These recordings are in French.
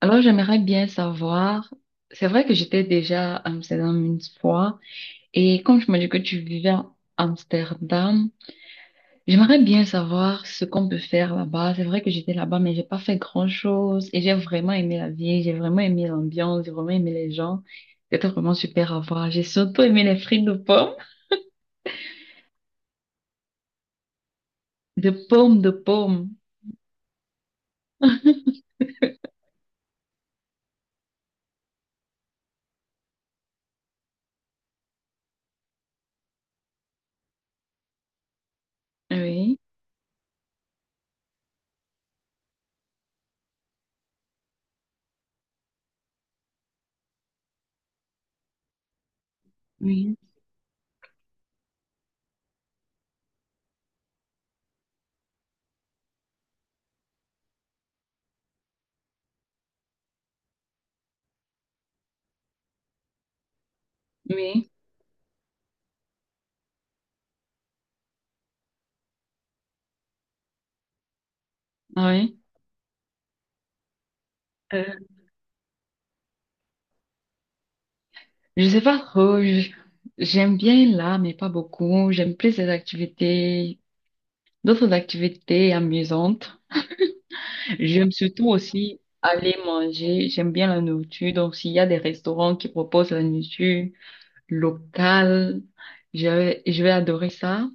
Alors, j'aimerais bien savoir, c'est vrai que j'étais déjà à Amsterdam une fois, et quand tu m'as dit que tu vivais à Amsterdam, j'aimerais bien savoir ce qu'on peut faire là-bas. C'est vrai que j'étais là-bas, mais j'ai pas fait grand-chose, et j'ai vraiment aimé la vie, j'ai vraiment aimé l'ambiance, j'ai vraiment aimé les gens. C'était vraiment super à voir. J'ai surtout aimé les frites de pommes, de pommes, de pommes. Oui, oui. Oui, ah oui. Je sais pas trop, j'aime bien l'art, mais pas beaucoup. J'aime plus les activités, d'autres activités amusantes. J'aime surtout aussi aller manger. J'aime bien la nourriture. Donc, s'il y a des restaurants qui proposent la nourriture locale, je vais adorer ça.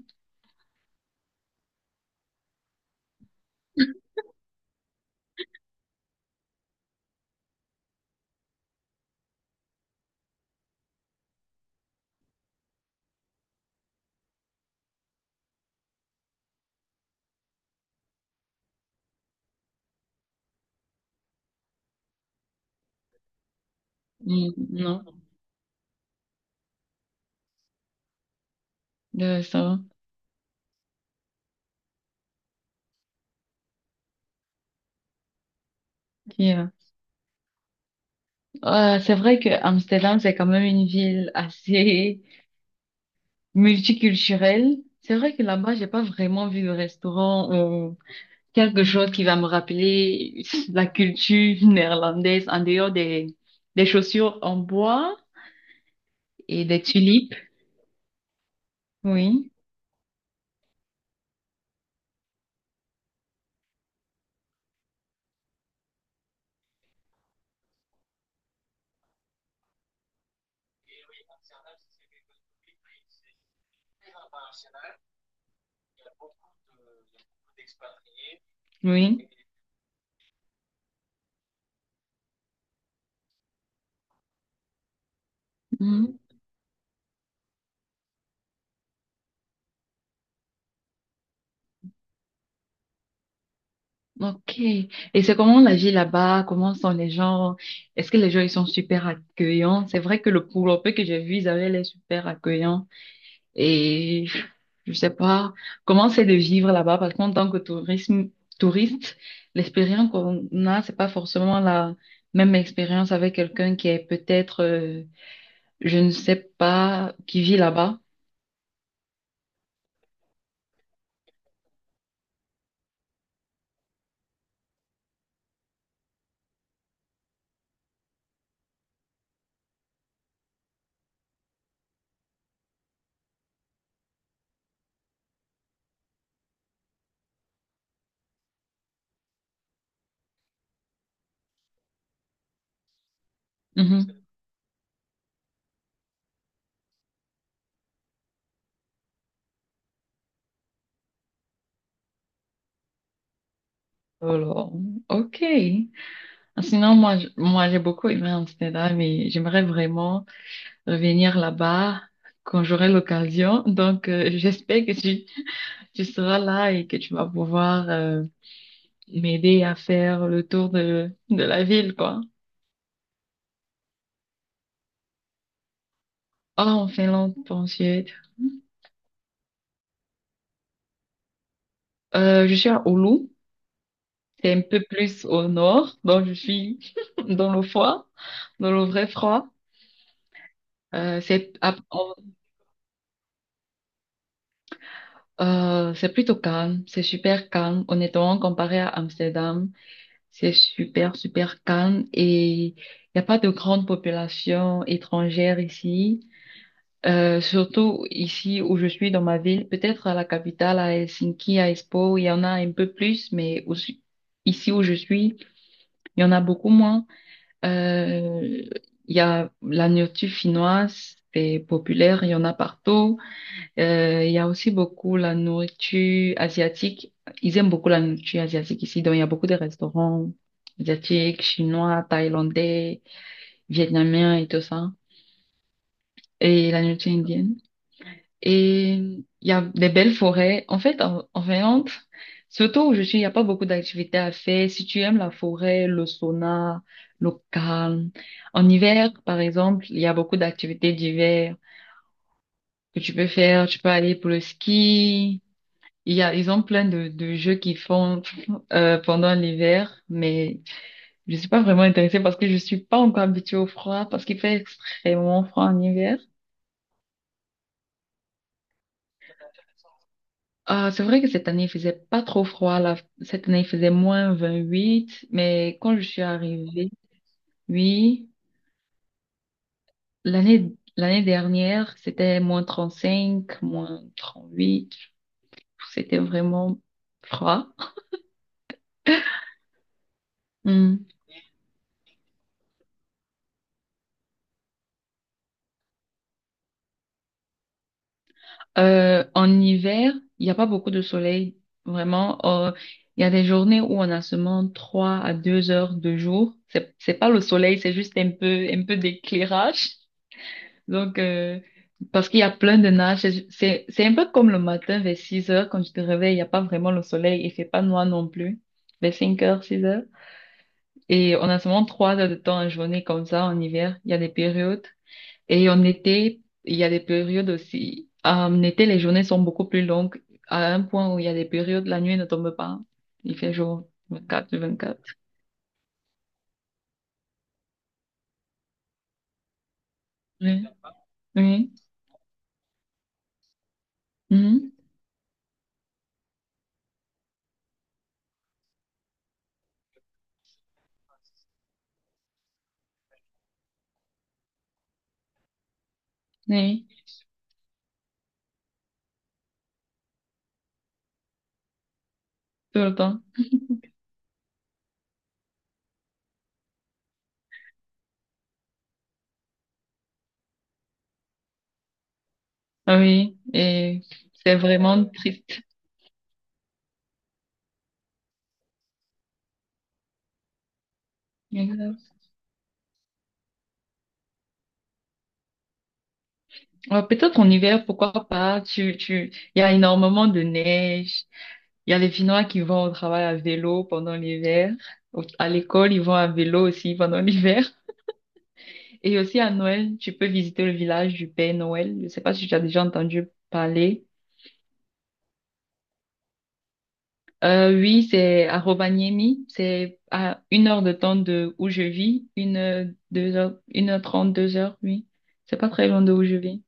Mm, non, de ça. Yeah. Ah, c'est vrai que Amsterdam, c'est quand même une ville assez multiculturelle. C'est vrai que là-bas, j'ai pas vraiment vu de restaurant, quelque chose qui va me rappeler la culture néerlandaise en dehors des chaussures en bois et des tulipes. Oui, oui. Mhm. Ok. Et c'est comment la vie là-bas? Comment sont les gens? Est-ce que les gens ils sont super accueillants? C'est vrai que le peu que j'ai vu, ils avaient l'air super accueillants. Et je sais pas comment c'est de vivre là-bas parce qu'en tant que tourisme, touriste, l'expérience qu'on a, c'est pas forcément la même expérience avec quelqu'un qui est peut-être, je ne sais pas, qui vit là-bas. Mhm. Alors, ok. Sinon, j'ai beaucoup aimé Amsterdam et j'aimerais vraiment revenir là-bas quand j'aurai l'occasion. Donc, j'espère que tu seras là et que tu vas pouvoir, m'aider à faire le tour de la ville, quoi. Oh, en Finlande, pas en Suède. Je suis à Oulu, c'est un peu plus au nord, donc je suis dans le froid, dans le vrai froid. Euh, c'est à- en- c'est plutôt calme, c'est super calme. Honnêtement, comparé à Amsterdam, c'est super, super calme et il n'y a pas de grande population étrangère ici. Surtout ici où je suis dans ma ville, peut-être à la capitale, à Helsinki, à Espoo, il y en a un peu plus, mais aussi, ici où je suis, il y en a beaucoup moins. Euh, il y a la nourriture finnoise, c'est populaire, il y en a partout. Il y a aussi beaucoup la nourriture asiatique. Ils aiment beaucoup la nourriture asiatique ici, donc il y a beaucoup de restaurants asiatiques, chinois, thaïlandais, vietnamiens et tout ça. Et la nourriture indienne. Et il y a des belles forêts. En fait, en Finlande, surtout où je suis, il n'y a pas beaucoup d'activités à faire. Si tu aimes la forêt, le sauna, le calme. En hiver, par exemple, il y a beaucoup d'activités d'hiver que tu peux faire. Tu peux aller pour le ski. Ils ont plein de jeux qu'ils font pendant l'hiver, mais je suis pas vraiment intéressée parce que je suis pas encore habituée au froid, parce qu'il fait extrêmement froid en hiver. Ah, c'est vrai que cette année, il faisait pas trop froid là. Cette année, il faisait moins 28, mais quand je suis arrivée, oui, l'année dernière, c'était moins 35, moins 38. C'était vraiment froid. Hmm. En hiver, il n'y a pas beaucoup de soleil, vraiment. Il y a des journées où on a seulement 3 à 2 heures de jour. C'est pas le soleil, c'est juste un peu d'éclairage. Donc, parce qu'il y a plein de nuages, c'est un peu comme le matin vers 6 heures quand tu te réveilles, il n'y a pas vraiment le soleil, il fait pas noir non plus, vers 5 heures, 6 heures. Et on a seulement 3 heures de temps en journée comme ça en hiver, il y a des périodes. Et en été, il y a des périodes aussi. Ah, en été, les journées sont beaucoup plus longues, à un point où il y a des périodes, la nuit ne tombe pas. Il fait jour 24 sur 24. Oui, oui, mhm. Oui, tout le temps. Ah oui, et c'est vraiment triste. Exact. Ouais, peut-être en hiver, pourquoi pas. Il y a énormément de neige. Il y a les Finnois qui vont au travail à vélo pendant l'hiver. À l'école, ils vont à vélo aussi pendant l'hiver. Et aussi à Noël, tu peux visiter le village du Père Noël. Je ne sais pas si tu as déjà entendu parler. Oui, c'est à Rovaniemi. C'est à une heure de temps de où je vis. Une heure, deux heures, une heure trente, deux heures, oui. C'est pas très loin de où je vis.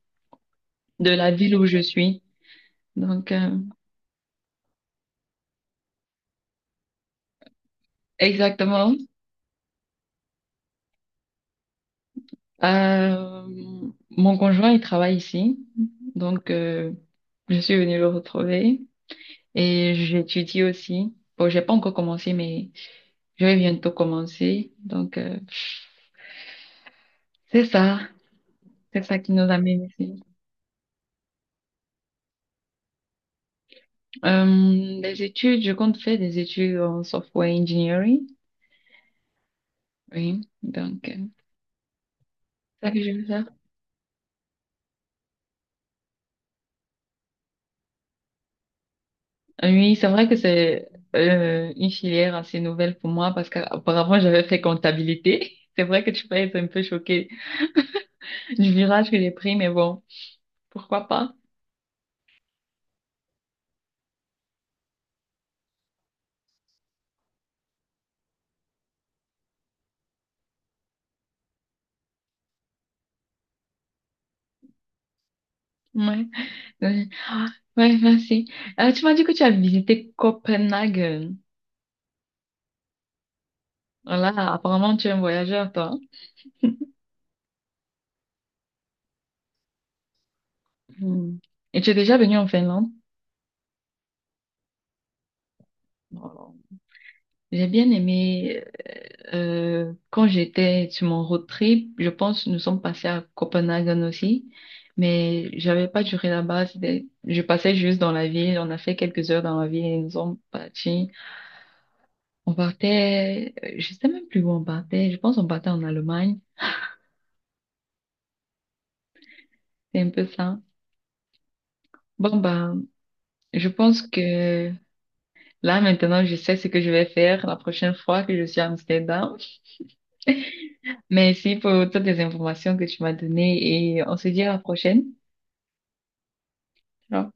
De la ville où je suis. Donc, exactement. Euh, Mon conjoint, il travaille ici, donc je suis venue le retrouver et j'étudie aussi. Bon, j'ai pas encore commencé, mais je vais bientôt commencer. Donc c'est ça, c'est ça qui nous amène ici. Les études, je compte faire des études en software engineering. Oui, donc c'est ça que je veux faire. Oui, c'est vrai que c'est une filière assez nouvelle pour moi parce qu'auparavant j'avais fait comptabilité. C'est vrai que tu peux être un peu choqué du virage que j'ai pris, mais bon, pourquoi pas? Ouais, oui. Ah, ouais, merci. Tu m'as dit que tu as visité Copenhague. Voilà, apparemment tu es un voyageur, toi. Hmm. Et tu es déjà venu en Finlande? Bon, j'ai bien aimé, quand j'étais sur mon road trip, je pense que nous sommes passés à Copenhague aussi, mais j'avais pas duré là-bas. Je passais juste dans la ville, on a fait quelques heures dans la ville et nous sommes partis. On partait, je sais même plus où on partait. Je pense qu'on partait en Allemagne. C'est un peu ça. Bon, ben, je pense que là, maintenant, je sais ce que je vais faire la prochaine fois que je suis à Amsterdam. Merci pour toutes les informations que tu m'as données et on se dit à la prochaine. Alors.